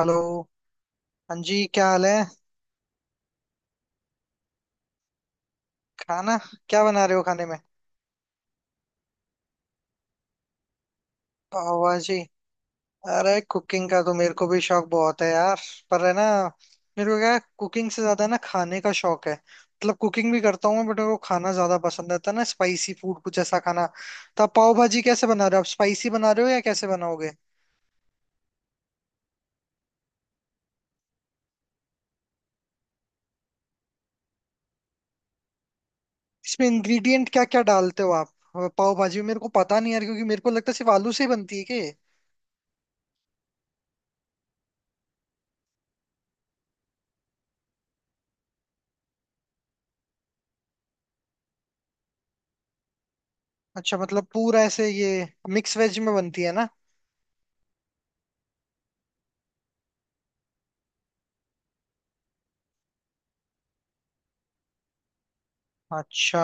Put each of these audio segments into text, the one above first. Hello. हाँ जी, क्या हाल है? खाना। क्या बना रहे हो खाने में? पाव भाजी। अरे कुकिंग का तो मेरे को भी शौक बहुत है यार। पर है ना, मेरे को क्या कुकिंग से ज्यादा ना खाने का शौक है। मतलब कुकिंग भी करता हूँ मैं, बट मेरे को खाना ज्यादा पसंद आता है ना, स्पाइसी फूड कुछ ऐसा खाना। तो आप पाव भाजी कैसे बना रहे हो? आप स्पाइसी बना रहे हो या कैसे बनाओगे? इसमें इंग्रेडिएंट क्या क्या डालते हो आप? पाव भाजी में मेरे को पता नहीं यार, क्योंकि मेरे को लगता है सिर्फ आलू से ही बनती है के। अच्छा, मतलब पूरा ऐसे ये मिक्स वेज में बनती है ना। अच्छा।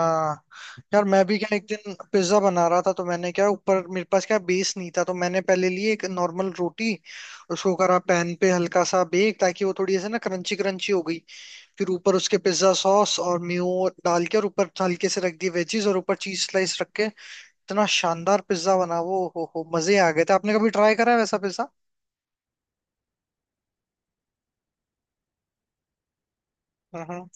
यार मैं भी क्या एक दिन पिज्जा बना रहा था, तो मैंने क्या ऊपर, मेरे पास क्या बेस नहीं था, तो मैंने पहले ली एक नॉर्मल रोटी। उसको करा पैन पे हल्का सा बेक, ताकि वो थोड़ी ऐसे ना क्रंची क्रंची हो गई। फिर ऊपर उसके पिज्जा सॉस और मेयो डाल के और ऊपर हल्के से रख दी वेजीज और ऊपर चीज स्लाइस रख के इतना शानदार पिज्जा बना वो, हो मजे आ गए थे। आपने कभी ट्राई करा है वैसा पिज्जा? हम्म।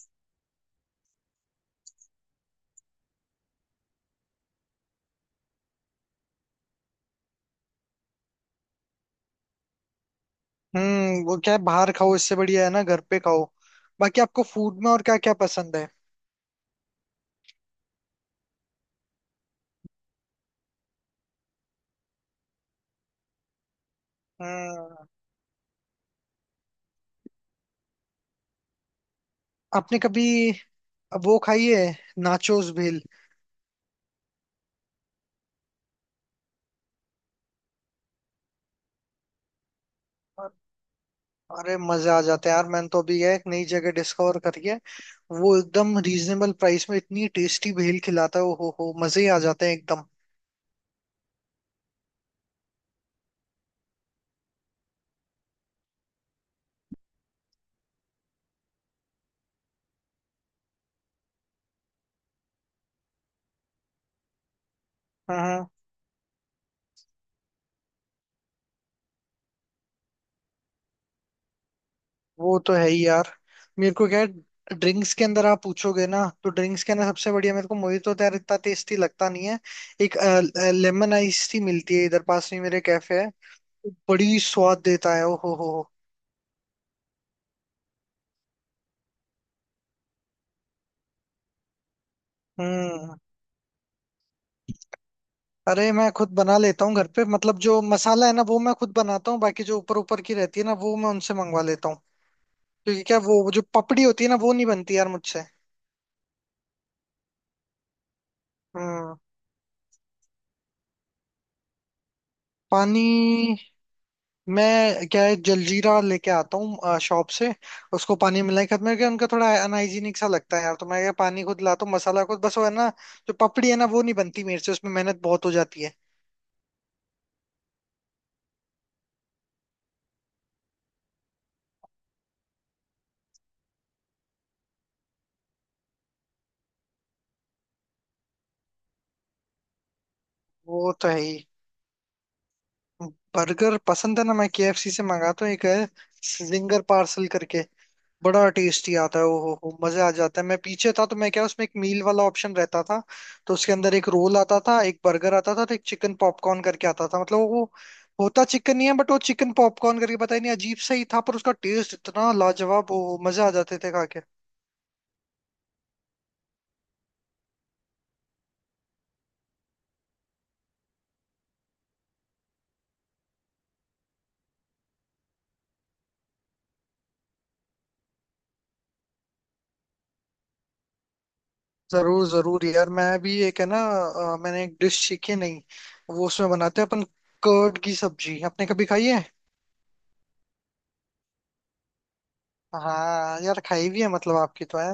हम्म, वो क्या है, बाहर खाओ इससे बढ़िया है ना घर पे खाओ। बाकी आपको फूड में और क्या क्या पसंद है? हम्म। आपने कभी वो खाई है, नाचोस भेल? अरे मजा आ जाता है यार। मैंने तो अभी यह एक नई जगह डिस्कवर करी है। वो एकदम रीजनेबल प्राइस में इतनी टेस्टी भेल खिलाता है, ओ हो मजे ही आ जाते हैं एकदम। हाँ हाँ। वो तो है ही यार। मेरे को क्या, ड्रिंक्स के अंदर आप पूछोगे ना, तो ड्रिंक्स के अंदर सबसे बढ़िया मेरे को मोहितो तो यार इतना टेस्टी लगता नहीं है। एक लेमन आइस टी मिलती है इधर पास में मेरे, कैफे है। बड़ी स्वाद देता है, ओ हो हो। हम्म। अरे मैं खुद बना लेता हूँ घर पे, मतलब जो मसाला है ना वो मैं खुद बनाता हूँ, बाकी जो ऊपर ऊपर की रहती है ना वो मैं उनसे मंगवा लेता हूँ। क्योंकि क्या वो जो पपड़ी होती है ना, वो नहीं बनती यार मुझसे। हम्म। पानी। मैं क्या है, जलजीरा लेके आता हूँ शॉप से। उसको पानी मिला के, मेरे को उनका थोड़ा अनहाइजीनिक सा लगता है यार, तो मैं ये पानी खुद लाता हूँ, मसाला खुद, बस वो है ना जो पपड़ी है ना वो नहीं बनती मेरे से, उसमें मेहनत बहुत हो जाती है। वो तो है ही। बर्गर पसंद है ना, मैं केएफसी से मंगाता हूँ। एक है जिंगर पार्सल करके, बड़ा टेस्टी आता है, ओ हो मजे आ जाता है। मैं पीछे था तो मैं क्या, उसमें एक मील वाला ऑप्शन रहता था, तो उसके अंदर एक रोल आता था, एक बर्गर आता था, तो एक चिकन पॉपकॉर्न करके आता था। मतलब वो होता चिकन नहीं है, बट वो चिकन पॉपकॉर्न करके, पता ही नहीं, अजीब सा ही था, पर उसका टेस्ट इतना लाजवाब, ओ हो मजे आ जाते थे खा के। जरूर जरूर यार। मैं भी एक है ना, मैंने एक डिश सीखी नहीं, वो उसमें बनाते हैं अपन, कर्ड की सब्जी, आपने कभी खाई है? हाँ यार खाई भी है, मतलब आपकी तो है।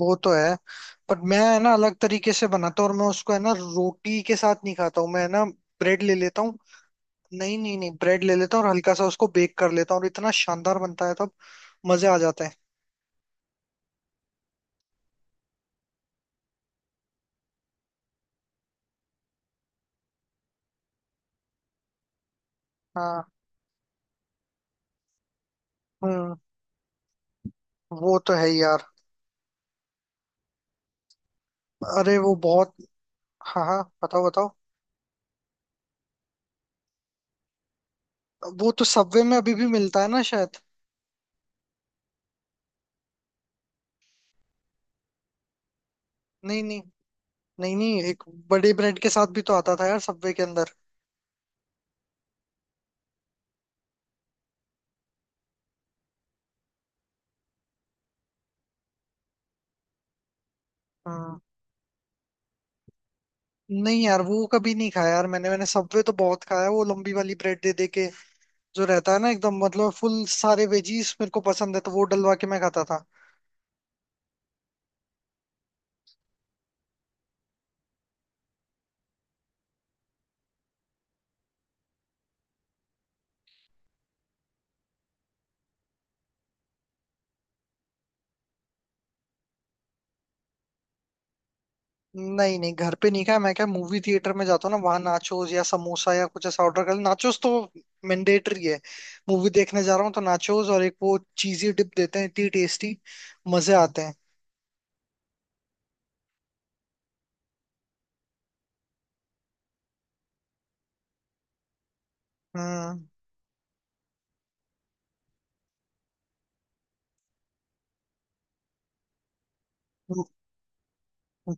वो तो है। पर मैं है ना अलग तरीके से बनाता हूँ, और मैं उसको है ना रोटी के साथ नहीं खाता हूँ मैं, है ना, ब्रेड ले लेता हूँ। नहीं नहीं नहीं, ब्रेड ले लेता हूँ और हल्का सा उसको बेक कर लेता हूँ, और इतना शानदार बनता है तब, मजे आ जाते हैं। हाँ। हम्म। वो तो है ही यार। अरे वो बहुत। हाँ हाँ, बताओ बताओ। वो तो सबवे में अभी भी मिलता है ना शायद? नहीं नहीं नहीं नहीं, एक बड़े ब्रेड के साथ भी तो आता था यार सबवे के अंदर। हाँ। नहीं यार, वो कभी नहीं खाया यार मैंने, सबवे तो बहुत खाया है, वो लंबी वाली ब्रेड दे दे के जो रहता है ना, एकदम मतलब फुल सारे वेजीज मेरे को पसंद है, तो वो डलवा के मैं खाता था। नहीं नहीं, घर पे नहीं खाया। मैं क्या मूवी थिएटर में जाता हूँ ना, वहां नाचोस या समोसा या कुछ ऐसा ऑर्डर कर, नाचोस तो मैंडेटरी है। मूवी देखने जा रहा हूँ तो नाचोस और एक वो चीजी डिप देते हैं, इतनी टेस्टी, मजे आते हैं। हम्म।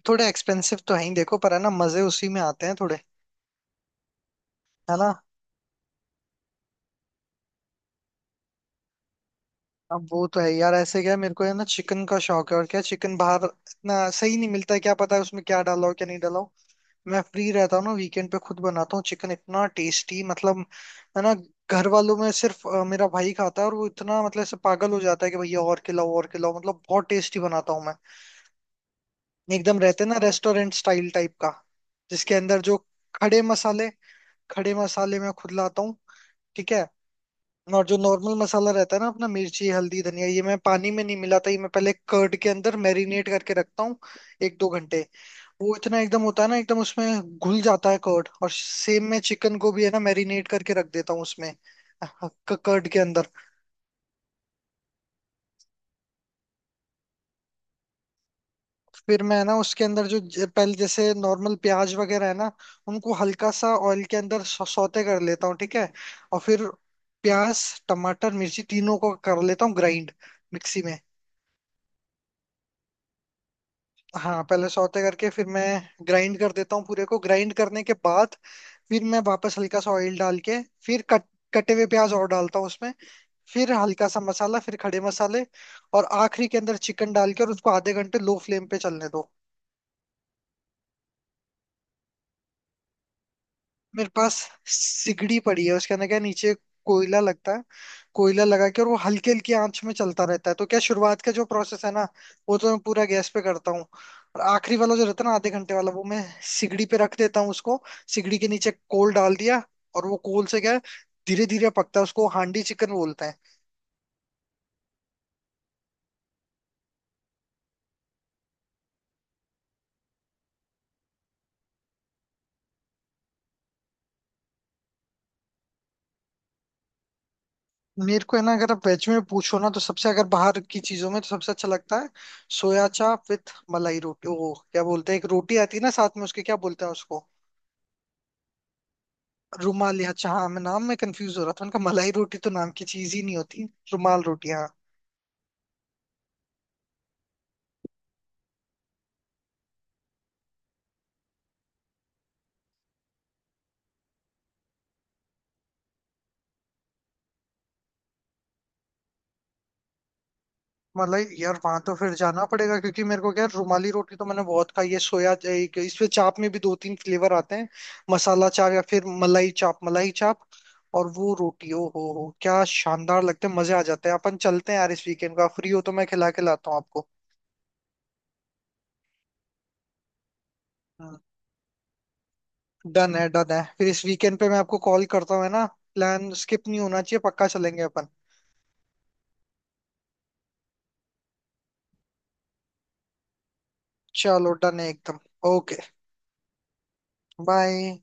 थोड़े एक्सपेंसिव तो है ही देखो, पर है ना मजे उसी में आते हैं थोड़े। है ना। अब वो तो है यार, ऐसे क्या है, मेरे को है ना चिकन का शौक है और क्या, चिकन बाहर इतना सही नहीं मिलता है, क्या पता है उसमें क्या डाला हो क्या नहीं डाला हो। मैं फ्री रहता हूँ ना वीकेंड पे, खुद बनाता हूँ चिकन, इतना टेस्टी, मतलब है ना। घर वालों में सिर्फ मेरा भाई खाता है, और वो इतना मतलब ऐसे पागल हो जाता है कि भैया और खिलाओ और खिलाओ, मतलब बहुत टेस्टी बनाता हूँ मैं। एकदम रहते हैं ना रेस्टोरेंट स्टाइल टाइप का। जिसके अंदर जो खड़े मसाले, खड़े मसाले मैं खुद लाता हूँ, ठीक है। और जो नॉर्मल मसाला रहता है ना अपना, मिर्ची हल्दी धनिया, ये मैं पानी में नहीं मिलाता, ये मैं पहले कर्ड के अंदर मैरिनेट करके रखता हूँ एक दो घंटे। वो इतना एकदम होता है ना, एकदम उसमें घुल जाता है कर्ड, और सेम मैं चिकन को भी है ना मैरिनेट करके रख देता हूँ उसमें, कर्ड के अंदर। फिर मैं ना उसके अंदर जो पहले जैसे नॉर्मल प्याज वगैरह है ना, उनको हल्का सा ऑयल के अंदर सौते कर लेता हूँ, ठीक है। और फिर प्याज, टमाटर, मिर्ची, तीनों को कर लेता हूँ ग्राइंड मिक्सी में। हाँ पहले सौते करके फिर मैं ग्राइंड कर देता हूँ पूरे को। ग्राइंड करने के बाद फिर मैं वापस हल्का सा ऑयल डाल के फिर कट कटे हुए प्याज और डालता हूँ उसमें। फिर हल्का सा मसाला, फिर खड़े मसाले, और आखिरी के अंदर चिकन डाल के, और उसको आधे घंटे लो फ्लेम पे चलने दो। मेरे पास सिगड़ी पड़ी है, उसके अंदर क्या, नीचे कोयला लगता है। कोयला लगा के, और वो हल्की हल्की आंच में चलता रहता है, तो क्या शुरुआत का जो प्रोसेस है ना वो तो मैं पूरा गैस पे करता हूँ, और आखिरी वाला जो रहता है ना आधे घंटे वाला, वो मैं सिगड़ी पे रख देता हूँ उसको, सिगड़ी के नीचे कोल डाल दिया, और वो कोल से क्या धीरे धीरे पकता है। उसको हांडी चिकन बोलते हैं। मेरे को है ना अगर आप वेज में पूछो ना, तो सबसे अगर बाहर की चीजों में तो सबसे अच्छा लगता है सोया चाप विथ मलाई रोटी। वो क्या बोलते हैं, एक रोटी आती है ना साथ में उसके, क्या बोलते हैं उसको, रुमाल या, अच्छा हाँ, मैं नाम में कंफ्यूज हो रहा था उनका, मलाई रोटी तो नाम की चीज ही नहीं होती। रुमाल रोटी हाँ। मलाई, यार वहां तो फिर जाना पड़ेगा, क्योंकि मेरे को क्या है, रुमाली रोटी तो मैंने बहुत खाई है। इसमें चाप में भी 2 3 फ्लेवर आते हैं, मसाला चाप या फिर मलाई चाप। मलाई चाप और वो रोटी, ओ हो क्या शानदार लगते हैं, मजे आ जाते हैं। अपन चलते हैं यार, इस वीकेंड का फ्री हो तो मैं खिला के लाता हूँ आपको। डन है डन है, फिर इस वीकेंड पे मैं आपको कॉल करता हूँ, है ना, प्लान स्किप नहीं होना चाहिए, पक्का चलेंगे अपन। चलो डन है एकदम। ओके। बाय।